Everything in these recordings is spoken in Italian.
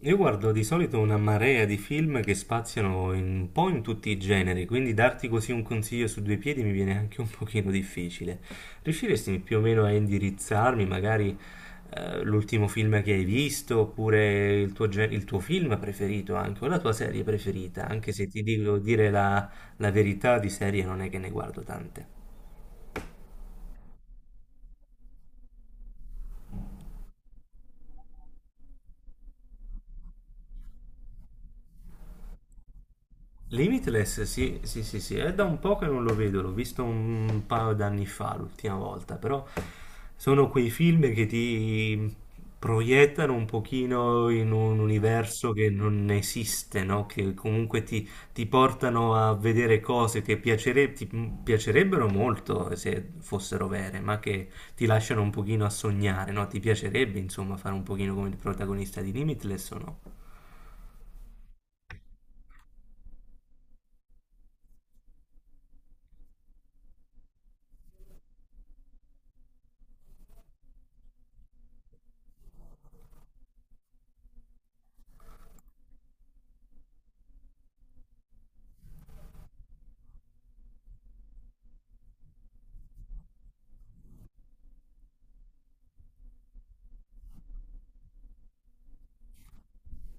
Io guardo di solito una marea di film che spaziano un po' in tutti i generi, quindi darti così un consiglio su due piedi mi viene anche un pochino difficile. Riusciresti più o meno a indirizzarmi, magari l'ultimo film che hai visto, oppure il tuo, il tuo film preferito anche, o la tua serie preferita, anche se ti dico dire la verità di serie non è che ne guardo tante. Limitless, sì, sì, sì, sì, è da un po' che non lo vedo, l'ho visto un paio d'anni fa l'ultima volta, però sono quei film che ti proiettano un pochino in un universo che non esiste, no? Che comunque ti portano a vedere cose che ti piacerebbero molto se fossero vere, ma che ti lasciano un pochino a sognare, no? Ti piacerebbe, insomma, fare un pochino come il protagonista di Limitless o no?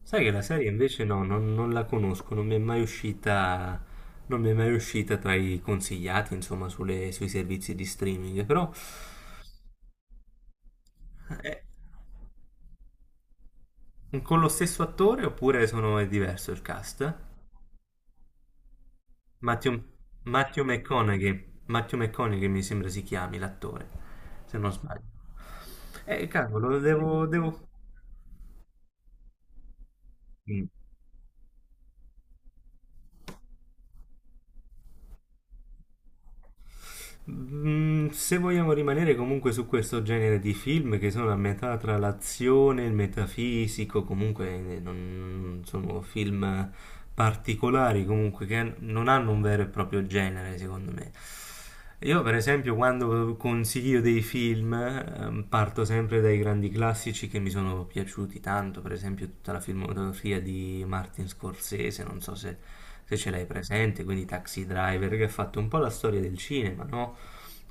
Sai che la serie invece no, non la conosco, non mi è mai uscita tra i consigliati, insomma, sui servizi di streaming, però è con lo stesso attore oppure sono, è diverso il cast? Matthew, Matthew McConaughey mi sembra si chiami l'attore, se non sbaglio. Cavolo, devo. mm, Se vogliamo rimanere comunque su questo genere di film che sono a metà tra l'azione e il metafisico, comunque non sono film particolari, comunque che non hanno un vero e proprio genere, secondo me. Io per esempio quando consiglio dei film parto sempre dai grandi classici che mi sono piaciuti tanto, per esempio tutta la filmografia di Martin Scorsese, non so se ce l'hai presente, quindi Taxi Driver che ha fatto un po' la storia del cinema, no?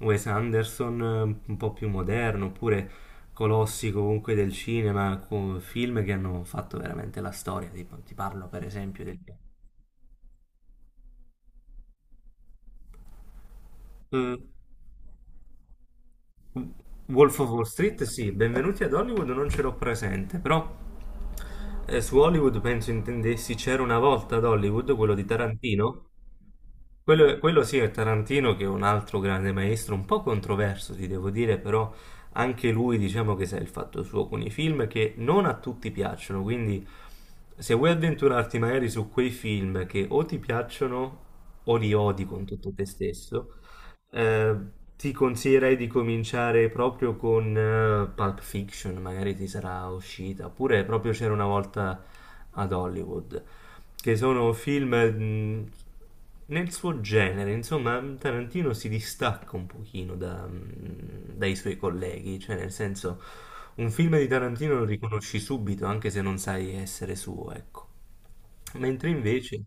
Wes Anderson un po' più moderno, oppure colossi comunque del cinema, con film che hanno fatto veramente la storia, tipo, ti parlo per esempio del... Wolf of Wall Street, sì, benvenuti ad Hollywood, non ce l'ho presente, però su Hollywood penso intendessi C'era una volta ad Hollywood, quello di Tarantino. Quello sì è Tarantino che è un altro grande maestro, un po' controverso, ti devo dire, però anche lui diciamo che sa il fatto suo con i film che non a tutti piacciono, quindi se vuoi avventurarti magari su quei film che o ti piacciono o li odi con tutto te stesso, eh, ti consiglierei di cominciare proprio con Pulp Fiction, magari ti sarà uscita, oppure proprio c'era una volta ad Hollywood, che sono film nel suo genere, insomma, Tarantino si distacca un pochino dai suoi colleghi, cioè nel senso un film di Tarantino lo riconosci subito, anche se non sai essere suo, ecco. Mentre invece.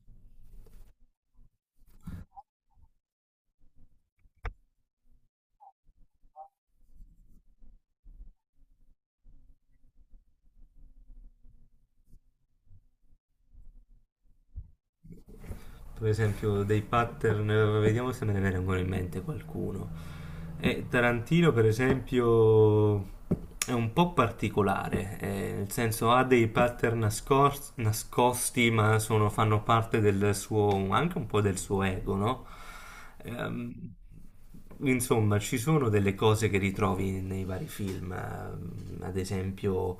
Per esempio dei pattern, vediamo se me ne viene ancora in mente qualcuno. E Tarantino, per esempio, è un po' particolare, nel senso ha dei pattern nascosti, ma fanno parte del suo, anche un po' del suo ego, no? Ehm, insomma, ci sono delle cose che ritrovi nei vari film, ad esempio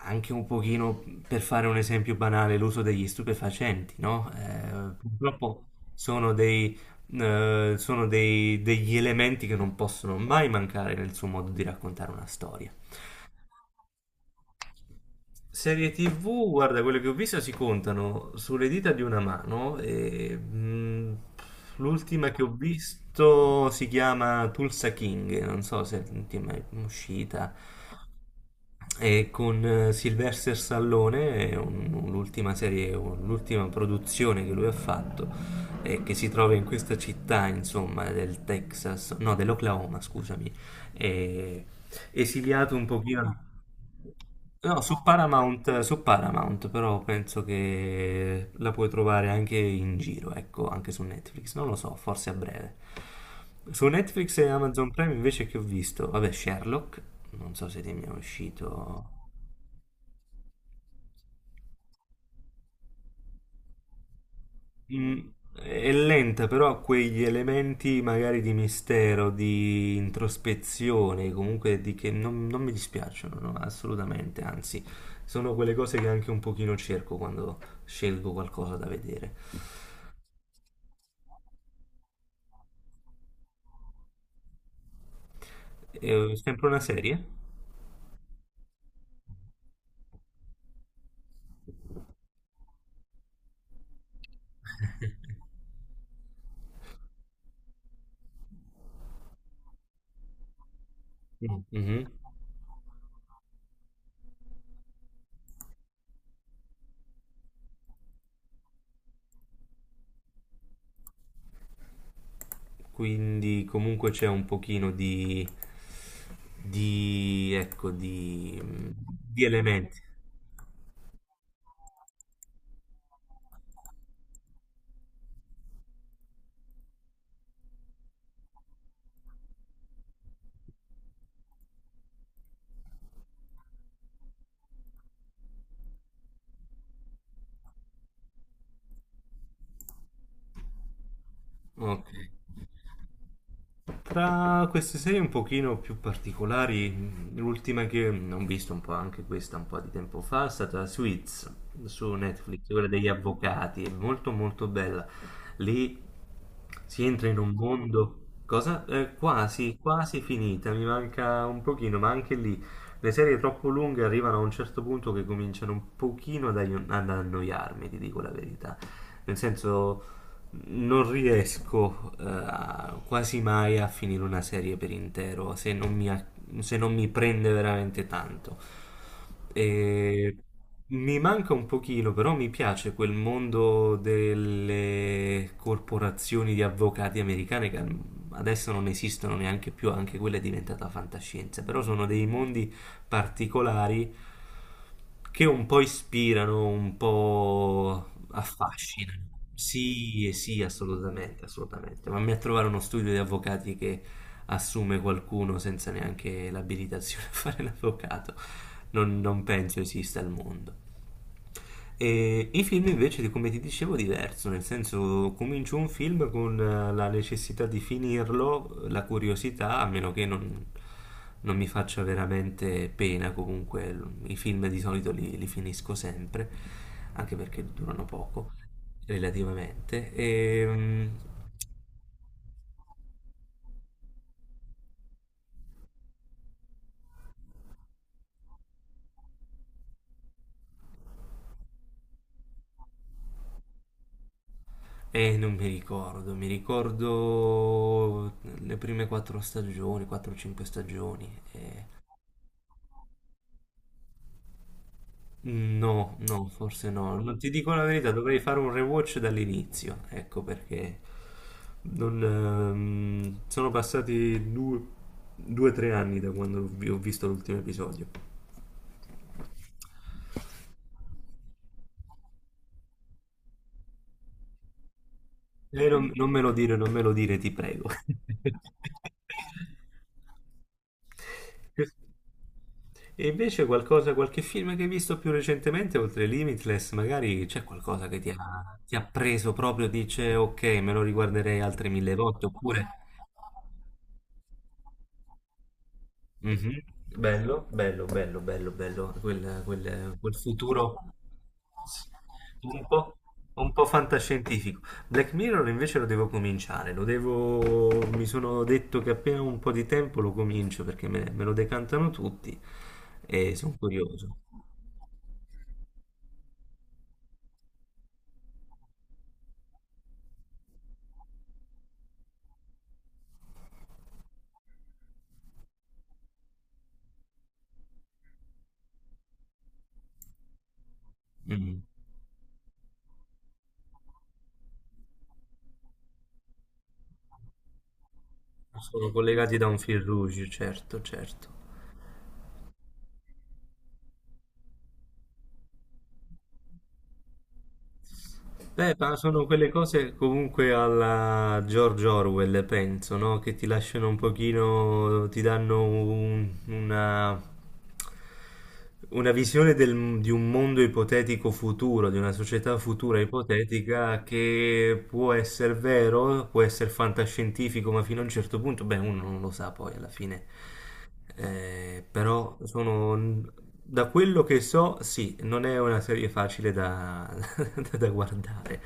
anche un pochino, per fare un esempio banale, l'uso degli stupefacenti, no? Purtroppo sono dei, degli elementi che non possono mai mancare nel suo modo di raccontare una storia. Serie TV, guarda, quelle che ho visto si contano sulle dita di una mano e l'ultima che ho visto si chiama Tulsa King, non so se ti è mai uscita. E con Sylvester Stallone, è l'ultima produzione che lui ha fatto, che si trova in questa città, insomma, del Texas, no, dell'Oklahoma, scusami, eh, esiliato un pochino. No, su Paramount, però penso che la puoi trovare anche in giro, ecco, anche su Netflix, non lo so, forse a breve. Su Netflix e Amazon Prime invece che ho visto, vabbè, Sherlock, non so se ti è mai uscito. Mm, È lenta, però ha quegli elementi magari di mistero, di introspezione, comunque di che non mi dispiacciono, no, assolutamente, anzi, sono quelle cose che anche un pochino cerco quando scelgo qualcosa da vedere. È sempre una serie? Mm, mhm. Quindi comunque c'è un pochino ecco, di elementi. Ok. Tra queste serie un pochino più particolari, l'ultima che ho visto un po' anche questa un po' di tempo fa è stata Suits su Netflix, quella degli avvocati, è molto molto bella. Lì si entra in un mondo, cosa? Quasi finita, mi manca un pochino, ma anche lì le serie troppo lunghe arrivano a un certo punto che cominciano un pochino ad annoiarmi, ti dico la verità. Nel senso, non riesco quasi mai a finire una serie per intero se non mi prende veramente tanto. E mi manca un pochino, però mi piace quel mondo delle corporazioni di avvocati americane che adesso non esistono neanche più, anche quella è diventata fantascienza, però sono dei mondi particolari che un po' ispirano, un po' affascinano. Sì, sì, assolutamente, assolutamente. Mamma mia, a trovare uno studio di avvocati che assume qualcuno senza neanche l'abilitazione a fare l'avvocato. Non penso esista al mondo. E i film invece, come ti dicevo, diverso, nel senso comincio un film con la necessità di finirlo, la curiosità, a meno che non mi faccia veramente pena, comunque i film di solito li finisco sempre, anche perché durano poco, relativamente. E non mi ricordo, mi ricordo le prime quattro stagioni, 4-5 stagioni. No, no, forse no. Non ti dico la verità, dovrei fare un rewatch dall'inizio. Ecco perché non, sono passati due, tre anni da quando ho visto l'ultimo episodio. E non me lo dire, non me lo dire, ti prego. E invece qualche film che hai visto più recentemente, oltre Limitless, magari c'è qualcosa che ti ha preso proprio, dice ok, me lo riguarderei altre mille volte, oppure. Mhm. Bello, bello, bello, bello, bello, quel futuro un po', un po' fantascientifico. Black Mirror invece lo devo cominciare, mi sono detto che appena ho un po' di tempo lo comincio perché me lo decantano tutti e sono curioso. Mm. Sono collegati da un fil rouge, certo, certo. Beh, ma sono quelle cose comunque alla George Orwell, penso, no? Che ti lasciano un pochino, ti danno una visione di un mondo ipotetico futuro, di una società futura ipotetica che può essere vero, può essere fantascientifico, ma fino a un certo punto, beh, uno non lo sa poi alla fine. Però sono, da quello che so, sì, non è una serie facile da, da guardare.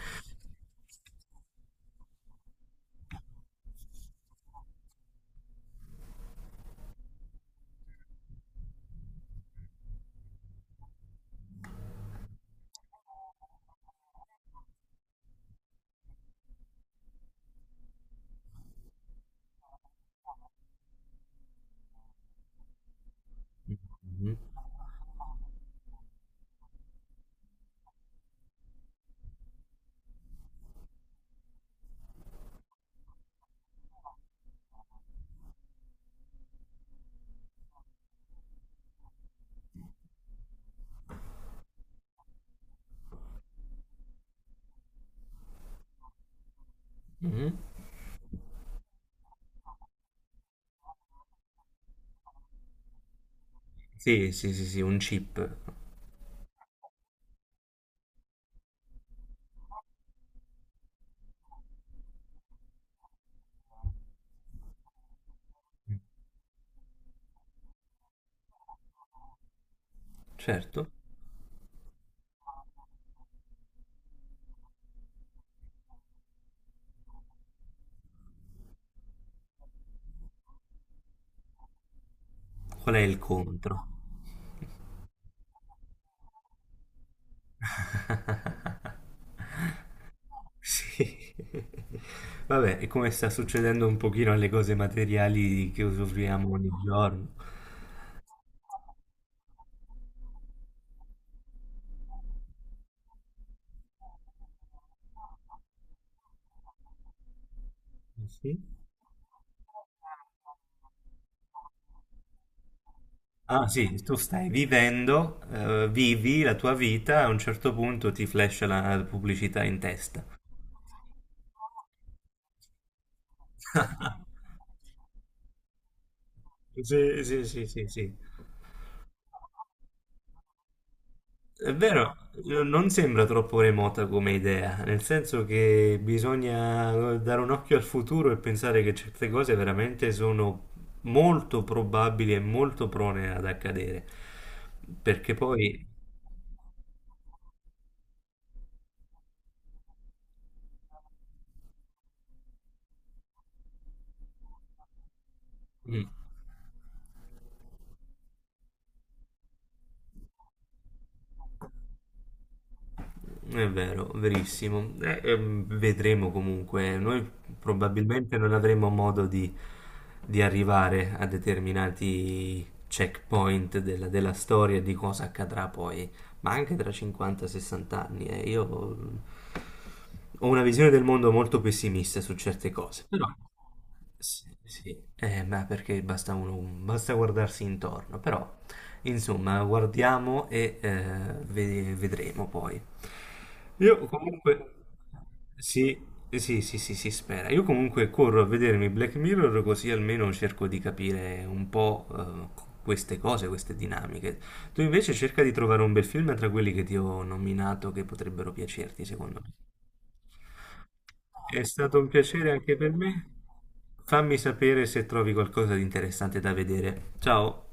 Mhm, mhm. Sì, sì, sì, sì, un chip. Certo. Qual è il contro? Sì. Vabbè, è come sta succedendo un pochino alle cose materiali che usufruiamo ogni giorno. Sì. Ah sì, tu stai vivendo, vivi la tua vita, a un certo punto ti flash la pubblicità in testa. Sì, sì, sì, sì, sì. È vero, non sembra troppo remota come idea, nel senso che bisogna dare un occhio al futuro e pensare che certe cose veramente sono molto probabili e molto prone ad accadere, perché poi. mm, È vero, verissimo. Vedremo comunque. Noi probabilmente non avremo modo di arrivare a determinati checkpoint della storia e di cosa accadrà poi, ma anche tra 50-60 anni. Io mm, ho una visione del mondo molto pessimista su certe cose. Sì, sì. Ma perché basta, basta guardarsi intorno, però insomma guardiamo e vedremo poi. Io comunque. Sì, sì, sì, sì, si spera. Io comunque corro a vedermi Black Mirror così almeno cerco di capire un po' queste cose, queste dinamiche. Tu invece cerca di trovare un bel film tra quelli che ti ho nominato che potrebbero piacerti, secondo me. È stato un piacere anche per me. Fammi sapere se trovi qualcosa di interessante da vedere. Ciao!